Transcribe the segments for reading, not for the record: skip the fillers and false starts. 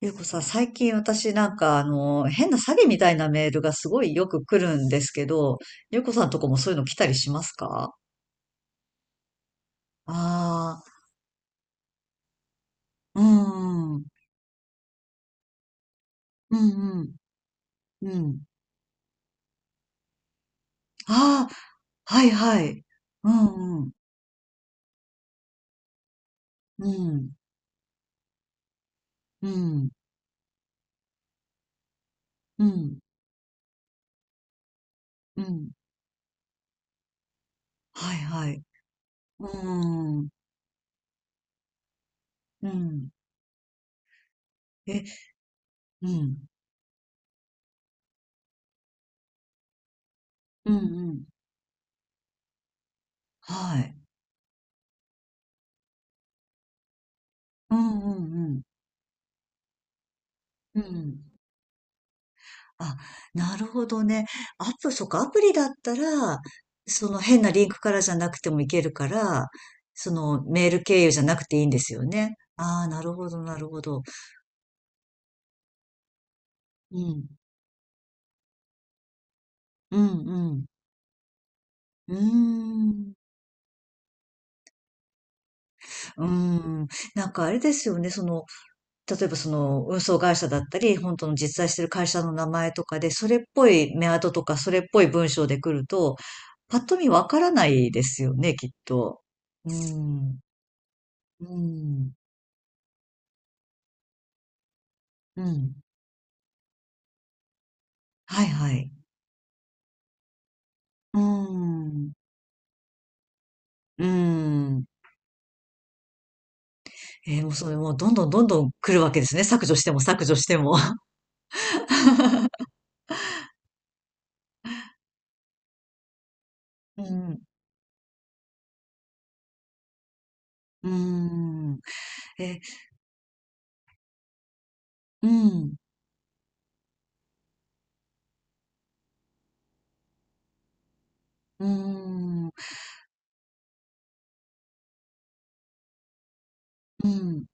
ゆうこさん、最近私なんか変な詐欺みたいなメールがすごいよく来るんですけど、ゆうこさんとこもそういうの来たりしますか？あ、あー、うん、うん、うん、うん。ああ、はいはい。うん、うん、うん、うん、うん、うん。はいはい。うん、うん。え、うん、うん、うん。はい。うん、うん、うん、うん。あ、なるほどね。アプそっか、アプリだったら、その変なリンクからじゃなくてもいけるから、そのメール経由じゃなくていいんですよね。ああ、なるほど、なるほど。うん。うん、うん。うーん。うーん。なんかあれですよね、その、例えばその運送会社だったり、本当の実在してる会社の名前とかで、それっぽいメアドとか、それっぽい文章で来ると、パッと見わからないですよね、きっと。うーん。うーん。うん。はいはい。うーん。うーん。えー、もうそれもうどんどんどんどん来るわけですね。削除しても削除しても。うん。うーん。え、うん。うーん。うん。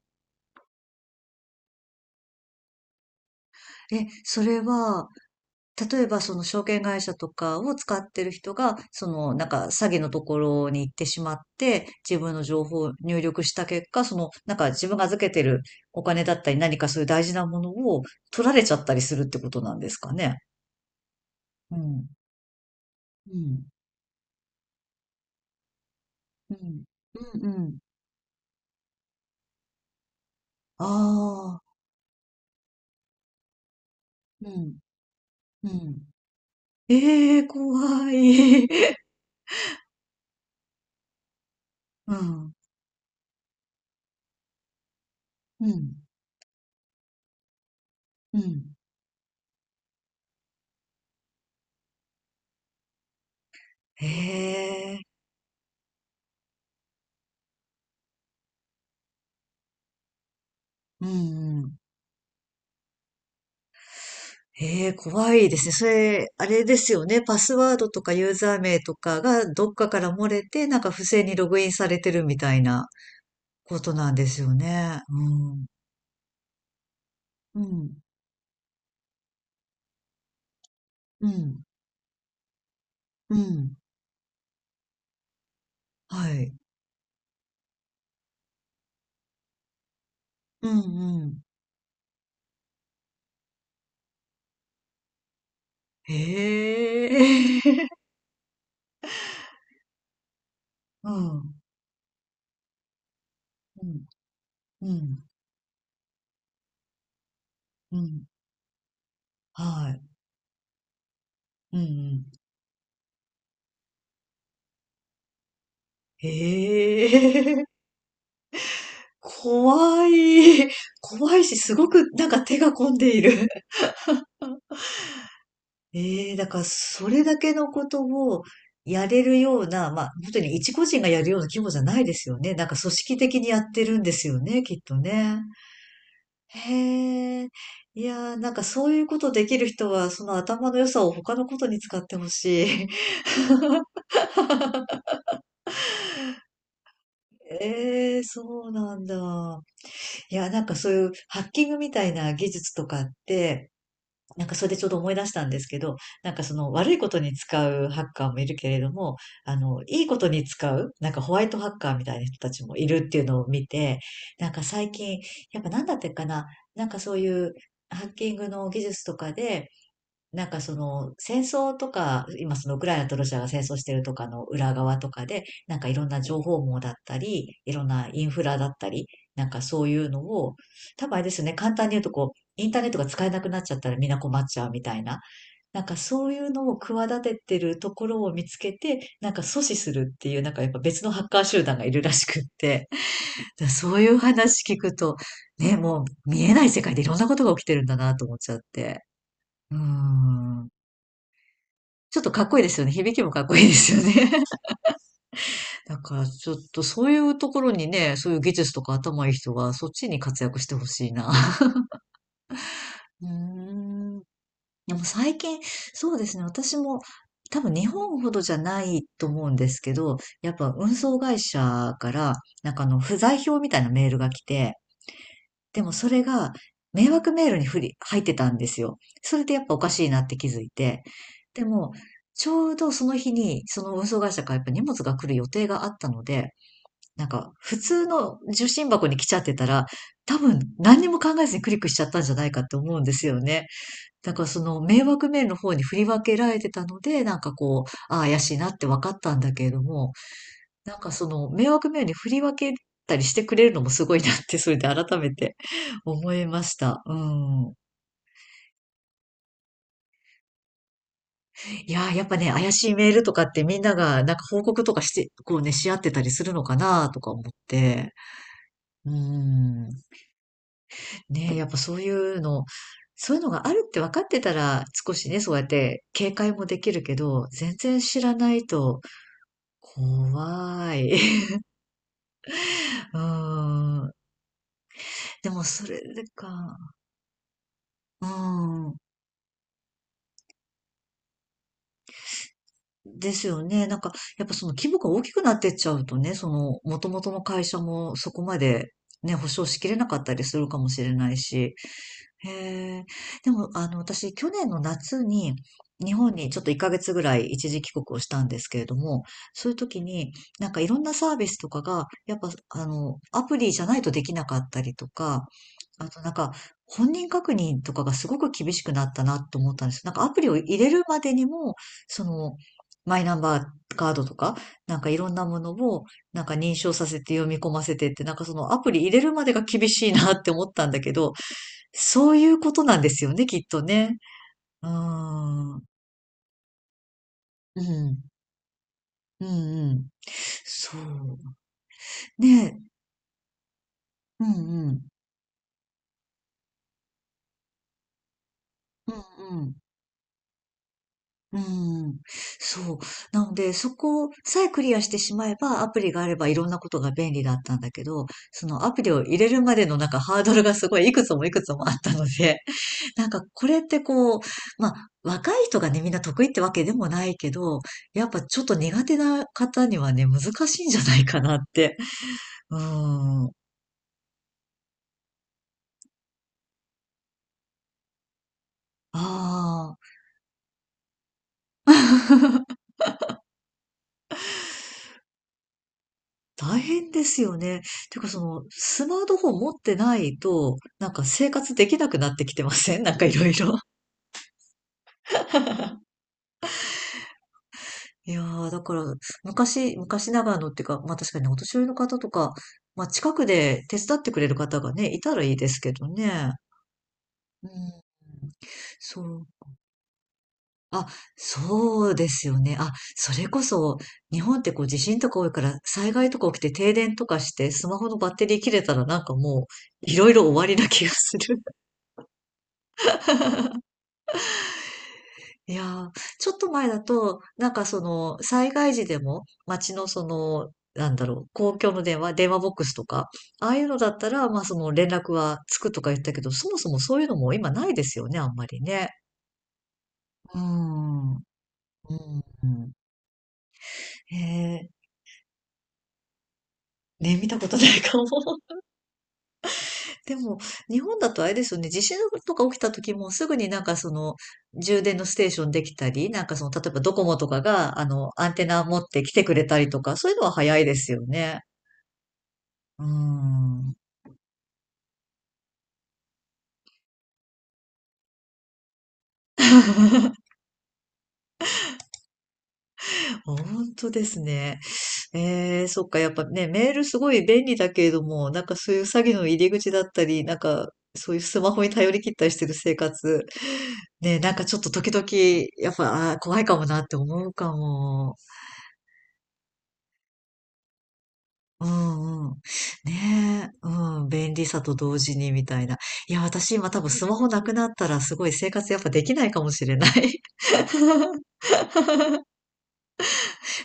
え、それは、例えばその証券会社とかを使ってる人が、そのなんか詐欺のところに行ってしまって、自分の情報を入力した結果、そのなんか自分が預けてるお金だったり何かそういう大事なものを取られちゃったりするってことなんですかね？うん。うん。うん。うんうん。ああ。うん。うん。ええ、怖い。うん。うん。うん。へえ。うんうん。へえ、怖いですね。それ、あれですよね。パスワードとかユーザー名とかがどっかから漏れて、なんか不正にログインされてるみたいなことなんですよね。うん。うん。うん。うん。はい。うんうん。へえ。うん。うん。うん。うん。はい。うんうん。へえ。怖い。怖いし、すごくなんか手が込んでいる。ええ、だからそれだけのことをやれるような、まあ、本当に一個人がやるような規模じゃないですよね。なんか組織的にやってるんですよね、きっとね。へえ。いやー、なんかそういうことできる人は、その頭の良さを他のことに使ってほしい。ええ、そうなんだ。いや、なんかそういうハッキングみたいな技術とかって、なんかそれでちょうど思い出したんですけど、なんかその悪いことに使うハッカーもいるけれども、いいことに使う、なんかホワイトハッカーみたいな人たちもいるっていうのを見て、なんか最近、やっぱなんだってかな、なんかそういうハッキングの技術とかで、なんかその戦争とか、今そのウクライナとロシアが戦争してるとかの裏側とかで、なんかいろんな情報網だったり、いろんなインフラだったり、なんかそういうのを、多分あれですよね、簡単に言うとこう、インターネットが使えなくなっちゃったらみんな困っちゃうみたいな、なんかそういうのを企ててるところを見つけて、なんか阻止するっていう、なんかやっぱ別のハッカー集団がいるらしくって、だからそういう話聞くと、ね、もう見えない世界でいろんなことが起きてるんだなと思っちゃって。うーん。ちょっとかっこいいですよね。響きもかっこいいですよね。だからちょっとそういうところにね、そういう技術とか頭いい人がそっちに活躍してほしいな。うーん。でも最近、そうですね、私も多分日本ほどじゃないと思うんですけど、やっぱ運送会社から、なんかあの不在票みたいなメールが来て、でもそれが迷惑メールにふり、入ってたんですよ。それでやっぱおかしいなって気づいて。でも、ちょうどその日に、その運送会社からやっぱ荷物が来る予定があったので、なんか普通の受信箱に来ちゃってたら、多分何にも考えずにクリックしちゃったんじゃないかって思うんですよね。だからその迷惑メールの方に振り分けられてたので、なんかこう、ああ怪しいなって分かったんだけれども、なんかその迷惑メールに振り分けたりしてくれるのもすごいなって、それで改めて 思いました。うん。いやー、やっぱね、怪しいメールとかってみんながなんか報告とかして、こうね、し合ってたりするのかなとか思って。うん。ね、やっぱそういうの、そういうのがあるって分かってたら少しね、そうやって警戒もできるけど、全然知らないと怖い。うん。でもそれでか。うん。ですよね。なんか、やっぱその規模が大きくなってっちゃうとね、その、元々の会社もそこまでね、保証しきれなかったりするかもしれないし。へえ。でも、私、去年の夏に、日本にちょっと1ヶ月ぐらい一時帰国をしたんですけれども、そういう時に、なんかいろんなサービスとかが、やっぱ、アプリじゃないとできなかったりとか、あとなんか、本人確認とかがすごく厳しくなったなと思ったんです。なんかアプリを入れるまでにも、その、マイナンバーカードとか、なんかいろんなものを、なんか認証させて読み込ませてって、なんかそのアプリ入れるまでが厳しいなって思ったんだけど、そういうことなんですよね、きっとね。うーん。うん。うんうん。そう。ねえ。うんうん。うんうん。うん。そう。なので、そこさえクリアしてしまえば、アプリがあればいろんなことが便利だったんだけど、そのアプリを入れるまでのなんかハードルがすごいいくつもいくつもあったので、なんかこれってこう、まあ、若い人がね、みんな得意ってわけでもないけど、やっぱちょっと苦手な方にはね、難しいんじゃないかなって。うーん。ああ、大変ですよね。てかその、スマートフォン持ってないと、なんか生活できなくなってきてませんなんかいろいろ。いやー、だから、昔ながらのっていうか、まあ確かにねお年寄りの方とか、まあ近くで手伝ってくれる方がね、いたらいいですけどね。うん。そう。あ、そうですよね。あ、それこそ、日本ってこう地震とか多いから、災害とか起きて停電とかして、スマホのバッテリー切れたらなんかもう、いろいろ終わりな気がする。いやー、ちょっと前だと、なんかその、災害時でも、街のその、なんだろう、公共の電話ボックスとか、ああいうのだったら、まあその連絡はつくとか言ったけど、そもそもそういうのも今ないですよね、あんまりね。うーん。うん。へえ、ね、見たことないかも。でも、日本だとあれですよね、地震とか起きた時もすぐになんかその、充電のステーションできたり、なんかその、例えばドコモとかが、アンテナ持って来てくれたりとか、そういうのは早いですよね。うーん。本当ですね。えー、そっか、やっぱね、メールすごい便利だけれども、なんかそういう詐欺の入り口だったり、なんか、そういうスマホに頼り切ったりしてる生活、ね、なんかちょっと時々、やっぱ、あー、怖いかもなって思うかも。うんうん。ねえ、うん、便利さと同時にみたいな。いや、私今多分スマホなくなったらすごい生活やっぱできないかもしれない。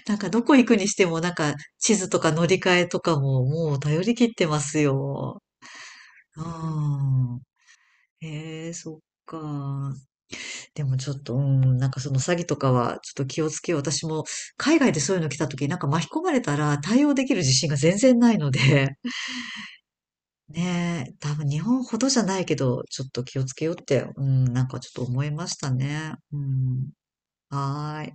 なんかどこ行くにしてもなんか地図とか乗り換えとかももう頼り切ってますよ。うん。へえ、そっか。でもちょっと、うん、なんかその詐欺とかはちょっと気をつけよう。私も海外でそういうの来た時なんか巻き込まれたら対応できる自信が全然ないので。ねえ、多分日本ほどじゃないけど、ちょっと気をつけようって、うん、なんかちょっと思いましたね。うん、はーい。